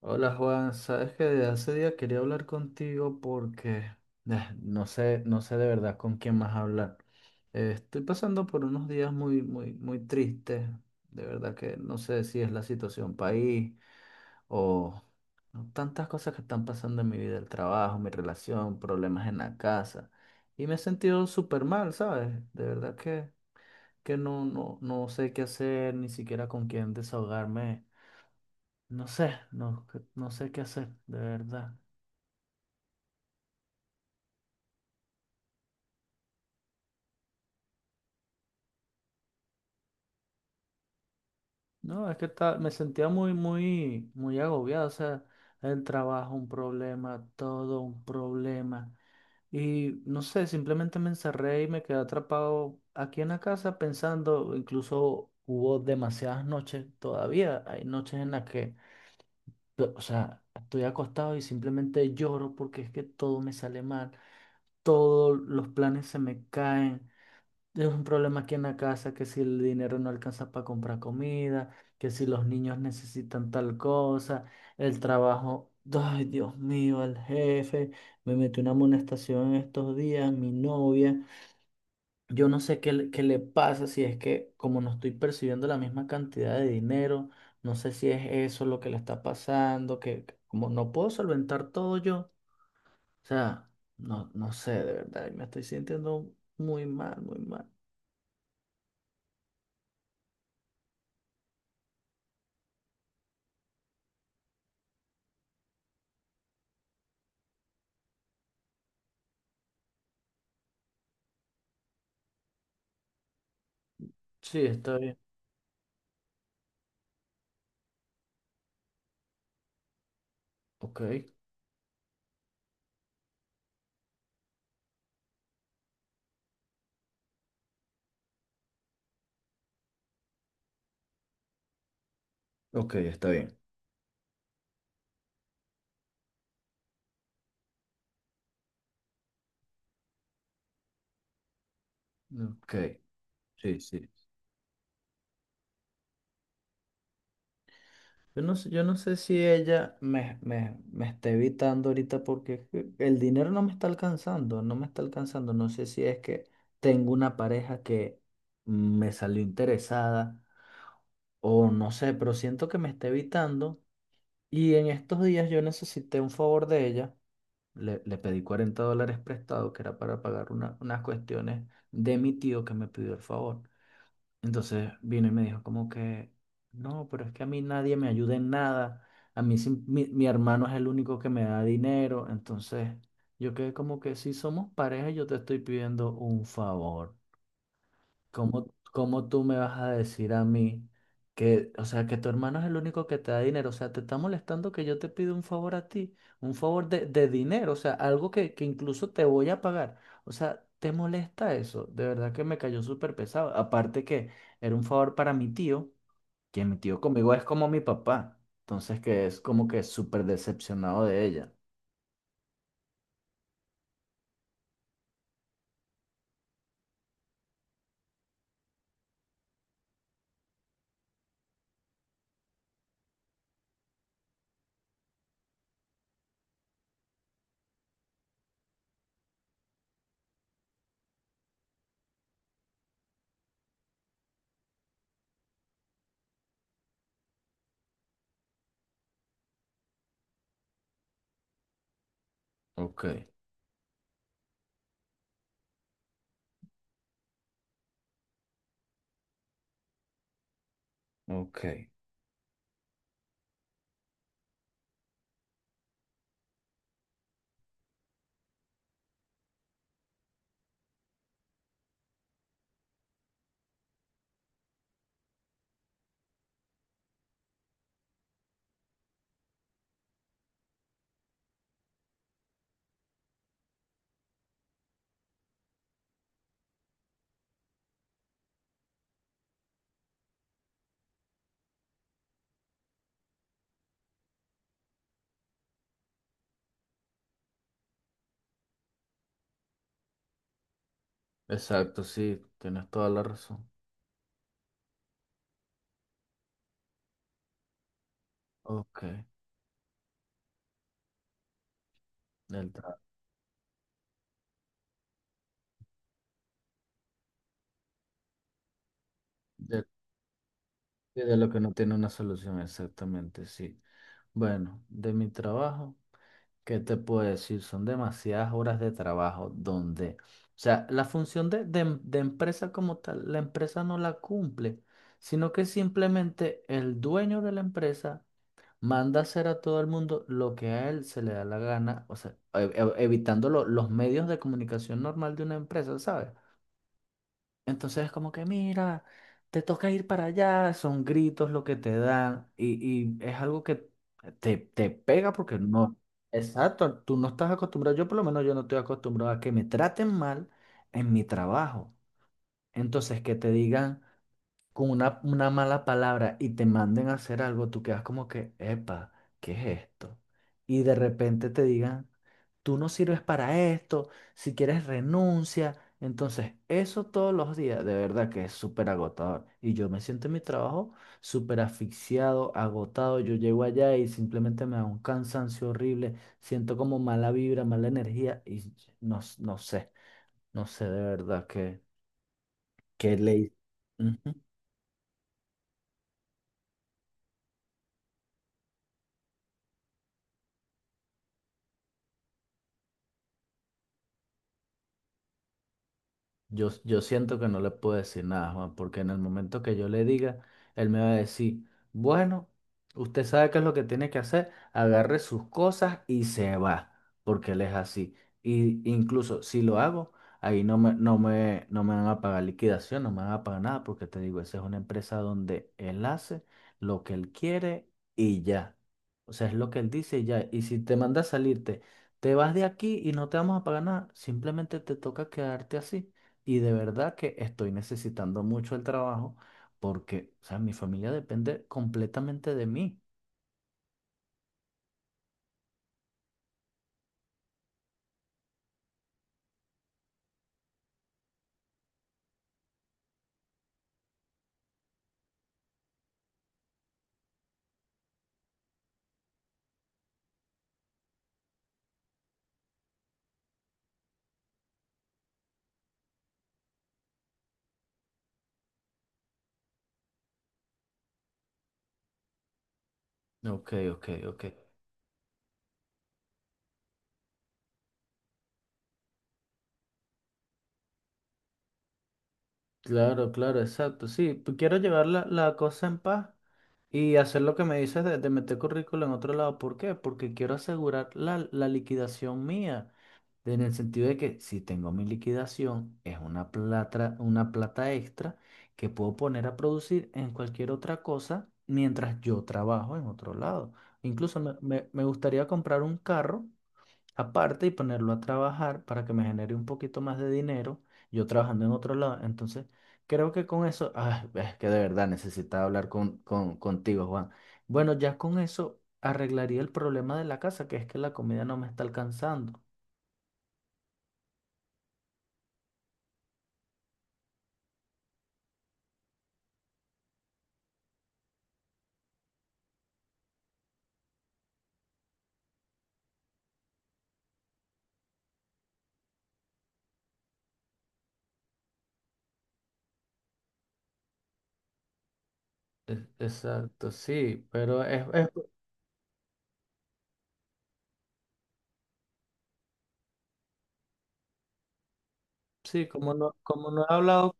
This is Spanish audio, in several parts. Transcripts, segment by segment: Hola Juan, sabes que desde hace día quería hablar contigo porque no sé, no sé de verdad con quién más hablar. Estoy pasando por unos días muy, muy, muy tristes. De verdad que no sé si es la situación país o ¿no? Tantas cosas que están pasando en mi vida, el trabajo, mi relación, problemas en la casa. Y me he sentido súper mal, ¿sabes? De verdad que no sé qué hacer, ni siquiera con quién desahogarme. No sé, no, no sé qué hacer, de verdad. No, es que me sentía muy, muy, muy agobiado. O sea, el trabajo, un problema, todo un problema. Y no sé, simplemente me encerré y me quedé atrapado aquí en la casa pensando, incluso hubo demasiadas noches, todavía hay noches en las que, o sea, estoy acostado y simplemente lloro porque es que todo me sale mal, todos los planes se me caen. Es un problema aquí en la casa, que si el dinero no alcanza para comprar comida, que si los niños necesitan tal cosa, el trabajo, ay Dios mío, el jefe, me metió una amonestación estos días, mi novia, yo no sé qué, qué le pasa, si es que como no estoy percibiendo la misma cantidad de dinero, no sé si es eso lo que le está pasando, que como no puedo solventar todo yo, o sea, no, no sé, de verdad, me estoy sintiendo muy mal, muy mal. Sí, estoy. Ok, ok, está bien. Ok, sí, sí. Yo no sé si ella me está evitando ahorita porque es que el dinero no me está alcanzando, no me está alcanzando. No sé si es que tengo una pareja que me salió interesada o no sé, pero siento que me está evitando. Y en estos días yo necesité un favor de ella. Le pedí $40 prestado, que era para pagar unas cuestiones de mi tío que me pidió el favor. Entonces vino y me dijo como que, no, pero es que a mí nadie me ayuda en nada, a mí mi hermano es el único que me da dinero, entonces yo quedé como que si somos pareja yo te estoy pidiendo un favor. ¿Cómo, cómo tú me vas a decir a mí que, o sea, que tu hermano es el único que te da dinero? O sea, te está molestando que yo te pido un favor a ti, un favor de dinero, o sea, algo que incluso te voy a pagar. O sea, ¿te molesta eso? De verdad que me cayó súper pesado. Aparte que era un favor para mi tío, que mi tío conmigo es como mi papá. Entonces, que es como que súper decepcionado de ella. Ok, ok. Exacto, sí, tienes toda la razón. Ok, del trato. Sí, de lo que no tiene una solución, exactamente, sí. Bueno, de mi trabajo, ¿qué te puedo decir? Son demasiadas horas de trabajo donde, o sea, la función de empresa como tal, la empresa no la cumple, sino que simplemente el dueño de la empresa manda hacer a todo el mundo lo que a él se le da la gana, o sea, evitando los medios de comunicación normal de una empresa, ¿sabes? Entonces es como que, mira, te toca ir para allá, son gritos lo que te dan y es algo que te pega porque no, exacto, tú no estás acostumbrado, yo por lo menos yo no estoy acostumbrado a que me traten mal en mi trabajo. Entonces que te digan con una mala palabra y te manden a hacer algo, tú quedas como que, epa, ¿qué es esto? Y de repente te digan, tú no sirves para esto, si quieres renuncia. Entonces, eso todos los días, de verdad que es súper agotador. Y yo me siento en mi trabajo súper asfixiado, agotado. Yo llego allá y simplemente me da un cansancio horrible, siento como mala vibra, mala energía y no, no sé, no sé de verdad qué, qué ley. Yo siento que no le puedo decir nada, Juan, porque en el momento que yo le diga, él me va a decir, bueno, usted sabe qué es lo que tiene que hacer, agarre sus cosas y se va, porque él es así. Y incluso si lo hago, ahí no me van a pagar liquidación, no me van a pagar nada, porque te digo, esa es una empresa donde él hace lo que él quiere y ya. O sea, es lo que él dice y ya. Y si te manda a salirte, te vas de aquí y no te vamos a pagar nada, simplemente te toca quedarte así. Y de verdad que estoy necesitando mucho el trabajo porque, o sea, mi familia depende completamente de mí. Ok, ok, ok. Claro, claro, exacto. Sí, pues quiero llevar la cosa en paz y hacer lo que me dices de meter currículo en otro lado. ¿Por qué? Porque quiero asegurar la liquidación mía. En el sentido de que si tengo mi liquidación, es una plata extra que puedo poner a producir en cualquier otra cosa mientras yo trabajo en otro lado. Incluso me gustaría comprar un carro aparte y ponerlo a trabajar para que me genere un poquito más de dinero, yo trabajando en otro lado. Entonces, creo que con eso, ay es que de verdad necesitaba hablar contigo, Juan. Bueno, ya con eso arreglaría el problema de la casa, que es que la comida no me está alcanzando. Exacto, sí, pero sí, como no he hablado,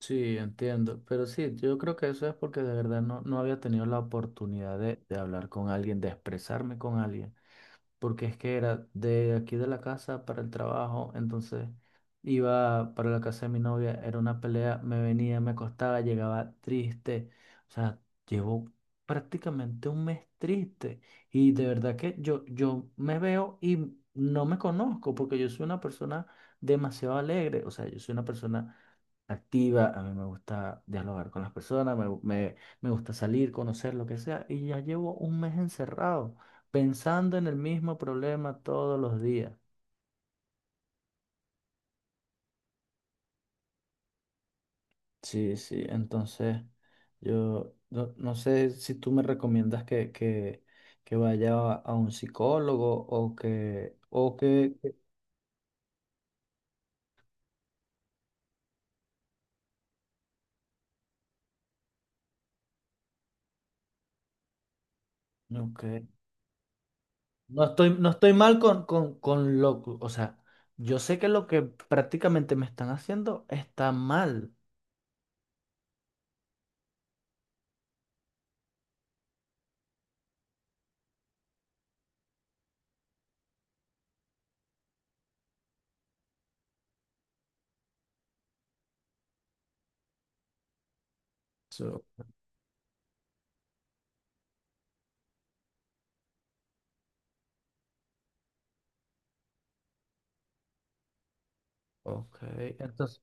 sí, entiendo, pero sí, yo creo que eso es porque de verdad no, no había tenido la oportunidad de hablar con alguien, de expresarme con alguien. Porque es que era de aquí de la casa para el trabajo, entonces iba para la casa de mi novia, era una pelea, me venía, me acostaba, llegaba triste, o sea, llevo prácticamente un mes triste y de verdad que yo me veo y no me conozco porque yo soy una persona demasiado alegre, o sea, yo soy una persona activa, a mí me gusta dialogar con las personas, me gusta salir, conocer lo que sea, y ya llevo un mes encerrado, pensando en el mismo problema todos los días. Sí, sí, entonces yo no, no sé si tú me recomiendas que vaya a un psicólogo o que, no, no estoy, no estoy mal con lo, o sea, yo sé que lo que prácticamente me están haciendo está mal. Ok, entonces,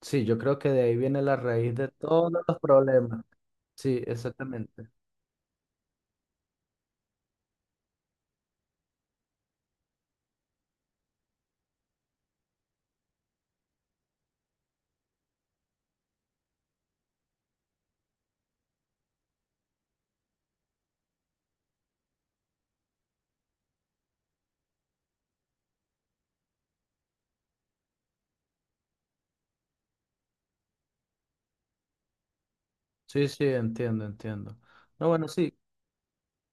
sí, yo creo que de ahí viene la raíz de todos los problemas. Sí, exactamente. Sí, sí, entiendo, entiendo. No, bueno, sí,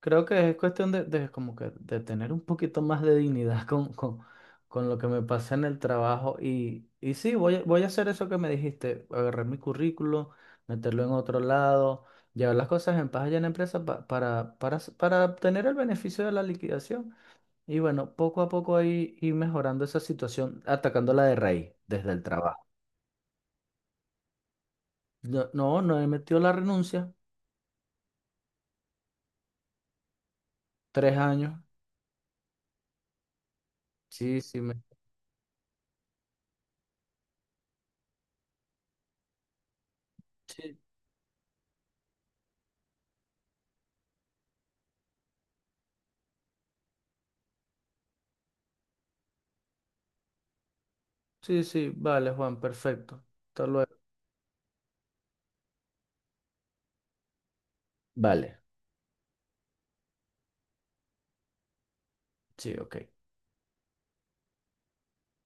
creo que es cuestión de como que de tener un poquito más de dignidad con lo que me pasa en el trabajo. Y sí, voy a hacer eso que me dijiste, agarrar mi currículo, meterlo en otro lado, llevar las cosas en paz allá en la empresa para obtener el beneficio de la liquidación. Y bueno, poco a poco ahí ir mejorando esa situación, atacándola de raíz, desde el trabajo. No, no, no he metido la renuncia. 3 años. Sí, sí, me... sí, sí, sí, vale, Juan, perfecto. Hasta luego. Vale, sí, ok.